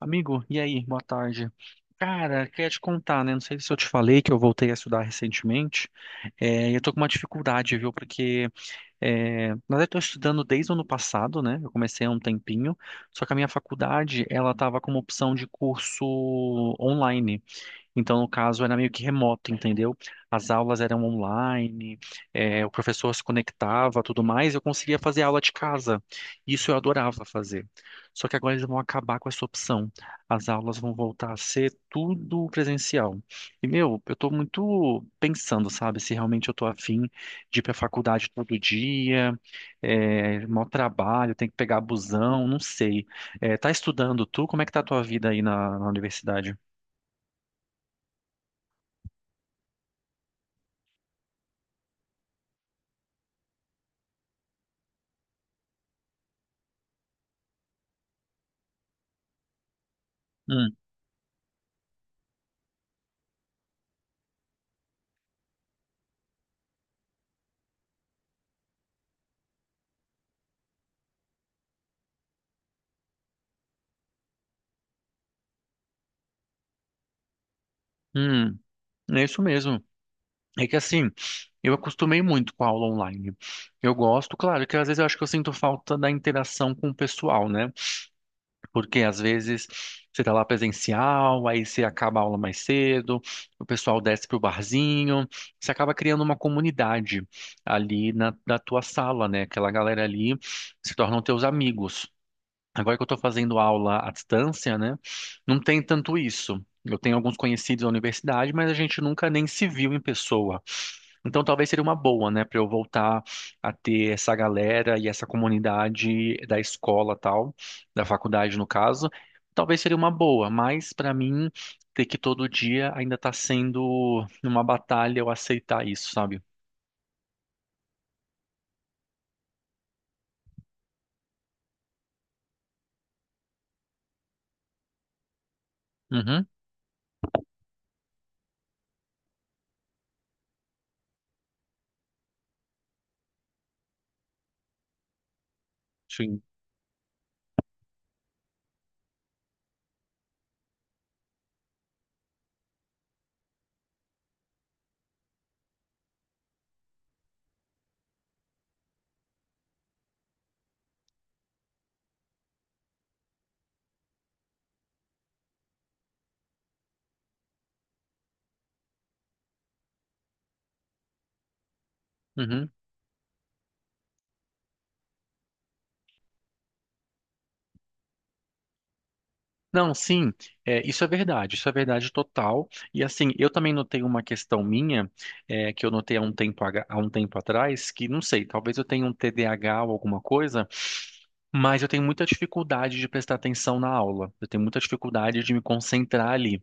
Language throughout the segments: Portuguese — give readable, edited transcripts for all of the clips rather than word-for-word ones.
Amigo, e aí? Boa tarde. Cara, queria te contar, né? Não sei se eu te falei que eu voltei a estudar recentemente. É, eu tô com uma dificuldade, viu? Porque, na verdade, eu tô estudando desde o ano passado, né? Eu comecei há um tempinho. Só que a minha faculdade, ela tava com uma opção de curso online. Então, no caso, era meio que remoto, entendeu? As aulas eram online, o professor se conectava, tudo mais, eu conseguia fazer aula de casa. Isso eu adorava fazer. Só que agora eles vão acabar com essa opção. As aulas vão voltar a ser tudo presencial. E, meu, eu tô muito pensando, sabe, se realmente eu tô afim de ir pra faculdade todo dia, é, maior trabalho, tem que pegar busão, não sei. Tá estudando tu? Como é que tá a tua vida aí na universidade? Hum, hum. É isso mesmo. É que assim, eu acostumei muito com a aula online. Eu gosto, claro, que às vezes eu acho que eu sinto falta da interação com o pessoal, né? Porque às vezes você tá lá presencial, aí você acaba a aula mais cedo, o pessoal desce pro barzinho, você acaba criando uma comunidade ali na tua sala, né? Aquela galera ali se tornam teus amigos. Agora que eu estou fazendo aula à distância, né? Não tem tanto isso. Eu tenho alguns conhecidos na universidade, mas a gente nunca nem se viu em pessoa. Então talvez seria uma boa, né, para eu voltar a ter essa galera e essa comunidade da escola tal, da faculdade no caso. Talvez seria uma boa, mas para mim ter que todo dia ainda está sendo uma batalha eu aceitar isso, sabe? Uhum, sim. Uhum. Não, sim, é, isso é verdade total. E assim, eu também notei uma questão minha, é, que eu notei há um tempo, há um tempo atrás, que não sei, talvez eu tenha um TDAH ou alguma coisa, mas eu tenho muita dificuldade de prestar atenção na aula. Eu tenho muita dificuldade de me concentrar ali.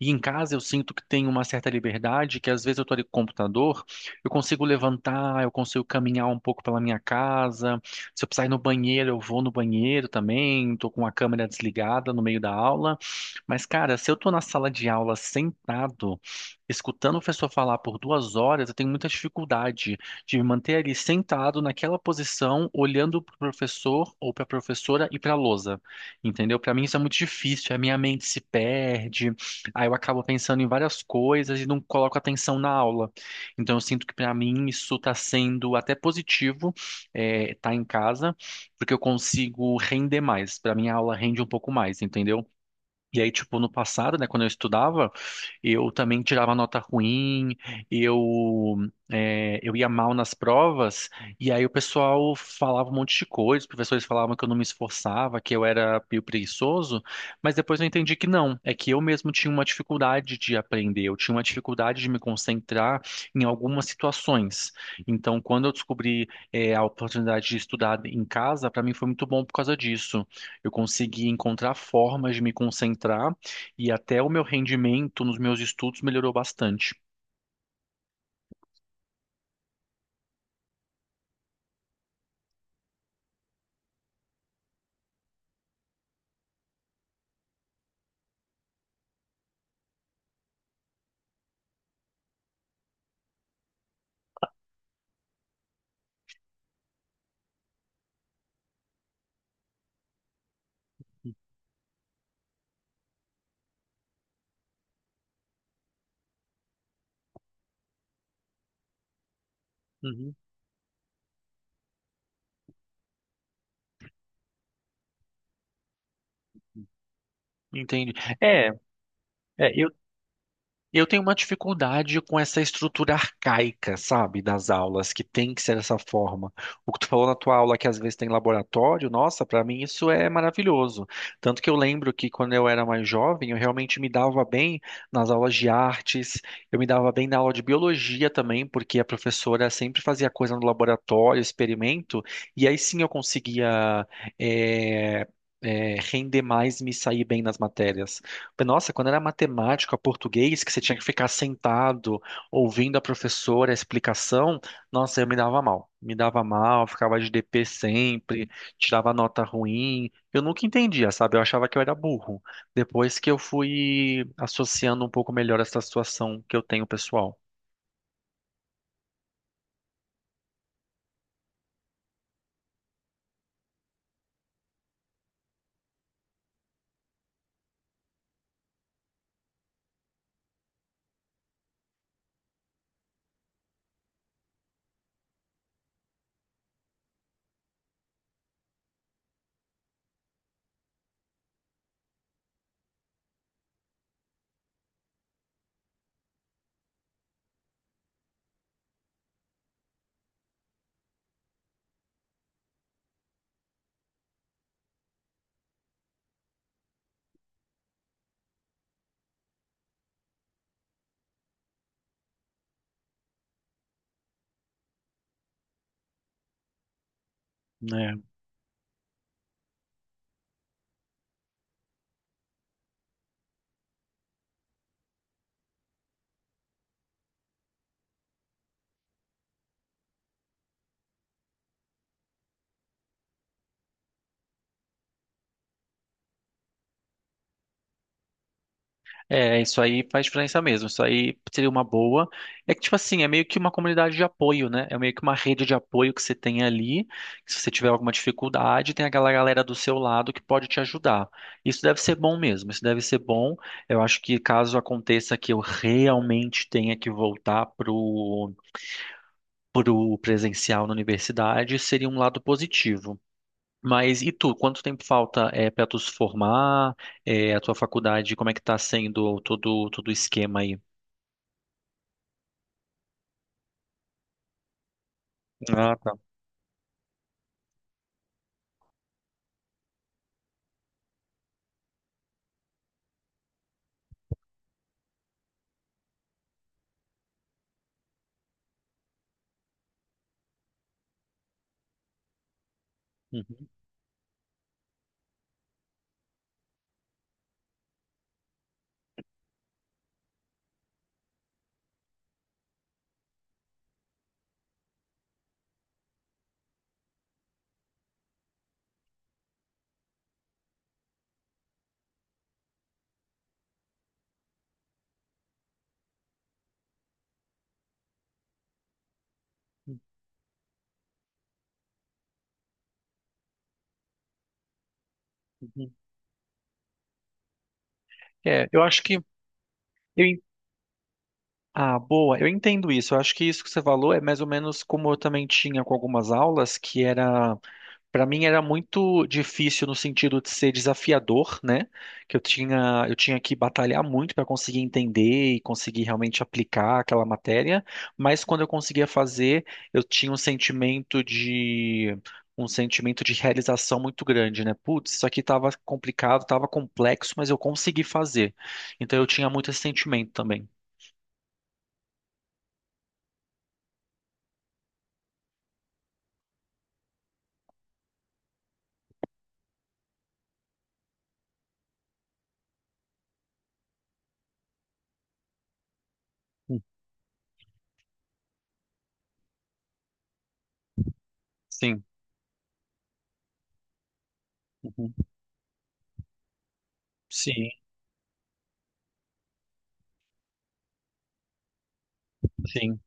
E em casa eu sinto que tenho uma certa liberdade, que às vezes eu tô ali com o computador, eu consigo levantar, eu consigo caminhar um pouco pela minha casa. Se eu precisar ir no banheiro, eu vou no banheiro também. Estou com a câmera desligada no meio da aula. Mas, cara, se eu tô na sala de aula sentado, escutando o professor falar por 2 horas, eu tenho muita dificuldade de me manter ali sentado naquela posição, olhando para o professor ou para a professora e para a lousa. Entendeu? Para mim isso é muito difícil, a minha mente se perde, aí eu acabo pensando em várias coisas e não coloco atenção na aula. Então eu sinto que para mim isso está sendo até positivo, estar tá em casa, porque eu consigo render mais. Para mim a aula rende um pouco mais, entendeu? E aí, tipo, no passado, né, quando eu estudava, eu também tirava nota ruim, eu, é, eu ia mal nas provas, e aí o pessoal falava um monte de coisa, os professores falavam que eu não me esforçava, que eu era meio preguiçoso, mas depois eu entendi que não, é que eu mesmo tinha uma dificuldade de aprender, eu tinha uma dificuldade de me concentrar em algumas situações. Então, quando eu descobri, é, a oportunidade de estudar em casa, para mim foi muito bom por causa disso. Eu consegui encontrar formas de me concentrar e até o meu rendimento nos meus estudos melhorou bastante. Uhum. Entende? É, é, Eu tenho uma dificuldade com essa estrutura arcaica, sabe, das aulas, que tem que ser dessa forma. O que tu falou na tua aula, que às vezes tem laboratório, nossa, pra mim isso é maravilhoso. Tanto que eu lembro que quando eu era mais jovem, eu realmente me dava bem nas aulas de artes, eu me dava bem na aula de biologia também, porque a professora sempre fazia coisa no laboratório, experimento, e aí sim eu conseguia. eh, Render mais, me sair bem nas matérias. Nossa, quando era matemática, português, que você tinha que ficar sentado ouvindo a professora a explicação, nossa, eu me dava mal. Me dava mal, ficava de DP sempre, tirava nota ruim. Eu nunca entendia, sabe? Eu achava que eu era burro. Depois que eu fui associando um pouco melhor essa situação que eu tenho pessoal, né? É, isso aí faz diferença mesmo. Isso aí seria uma boa. É que, tipo assim, é meio que uma comunidade de apoio, né? É meio que uma rede de apoio que você tem ali. Que Se você tiver alguma dificuldade, tem aquela galera do seu lado que pode te ajudar. Isso deve ser bom mesmo. Isso deve ser bom. Eu acho que caso aconteça que eu realmente tenha que voltar pro presencial na universidade, seria um lado positivo. Mas e tu, quanto tempo falta para tu se formar? É, a tua faculdade, como é que tá sendo todo o esquema aí? Ah, tá. Uhum, uhum. É, eu acho que eu Ah, boa. Eu entendo isso. Eu acho que isso que você falou é mais ou menos como eu também tinha com algumas aulas, que era, para mim era muito difícil no sentido de ser desafiador, né? Que eu tinha que batalhar muito para conseguir entender e conseguir realmente aplicar aquela matéria, mas quando eu conseguia fazer, eu tinha um sentimento de realização muito grande, né? Putz, isso aqui estava complicado, estava complexo, mas eu consegui fazer. Então eu tinha muito esse sentimento também. Hum. Sim. Uhum. Sim, sim,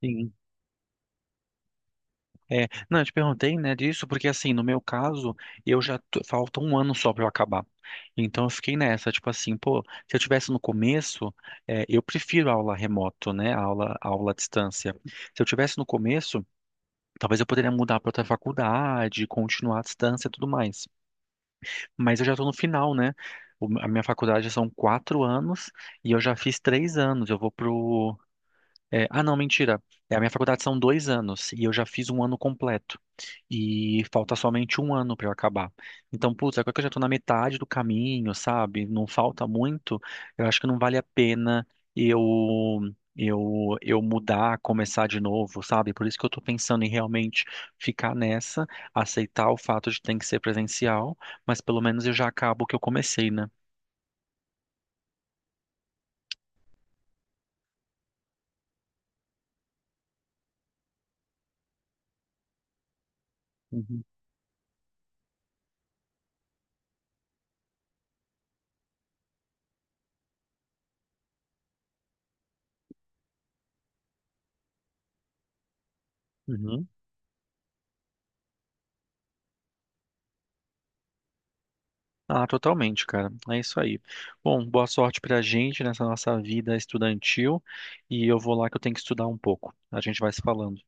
sim. É, não, eu te perguntei, né, disso, porque assim, no meu caso, falta um ano só pra eu acabar. Então eu fiquei nessa, tipo assim, pô, se eu tivesse no começo, é, eu prefiro aula remoto, né, aula à distância. Se eu tivesse no começo, talvez eu poderia mudar pra outra faculdade, continuar à distância e tudo mais. Mas eu já tô no final, né? A minha faculdade são 4 anos e eu já fiz 3 anos. Eu vou pro É, ah, Não, mentira. É, a minha faculdade são 2 anos e eu já fiz um ano completo. E falta somente um ano para eu acabar. Então, putz, agora que eu já tô na metade do caminho, sabe? Não falta muito. Eu acho que não vale a pena eu eu mudar, começar de novo, sabe? Por isso que eu tô pensando em realmente ficar nessa, aceitar o fato de ter que ser presencial, mas pelo menos eu já acabo o que eu comecei, né? Uhum. Uhum. Ah, totalmente, cara. É isso aí. Bom, boa sorte pra gente nessa nossa vida estudantil e eu vou lá que eu tenho que estudar um pouco. A gente vai se falando.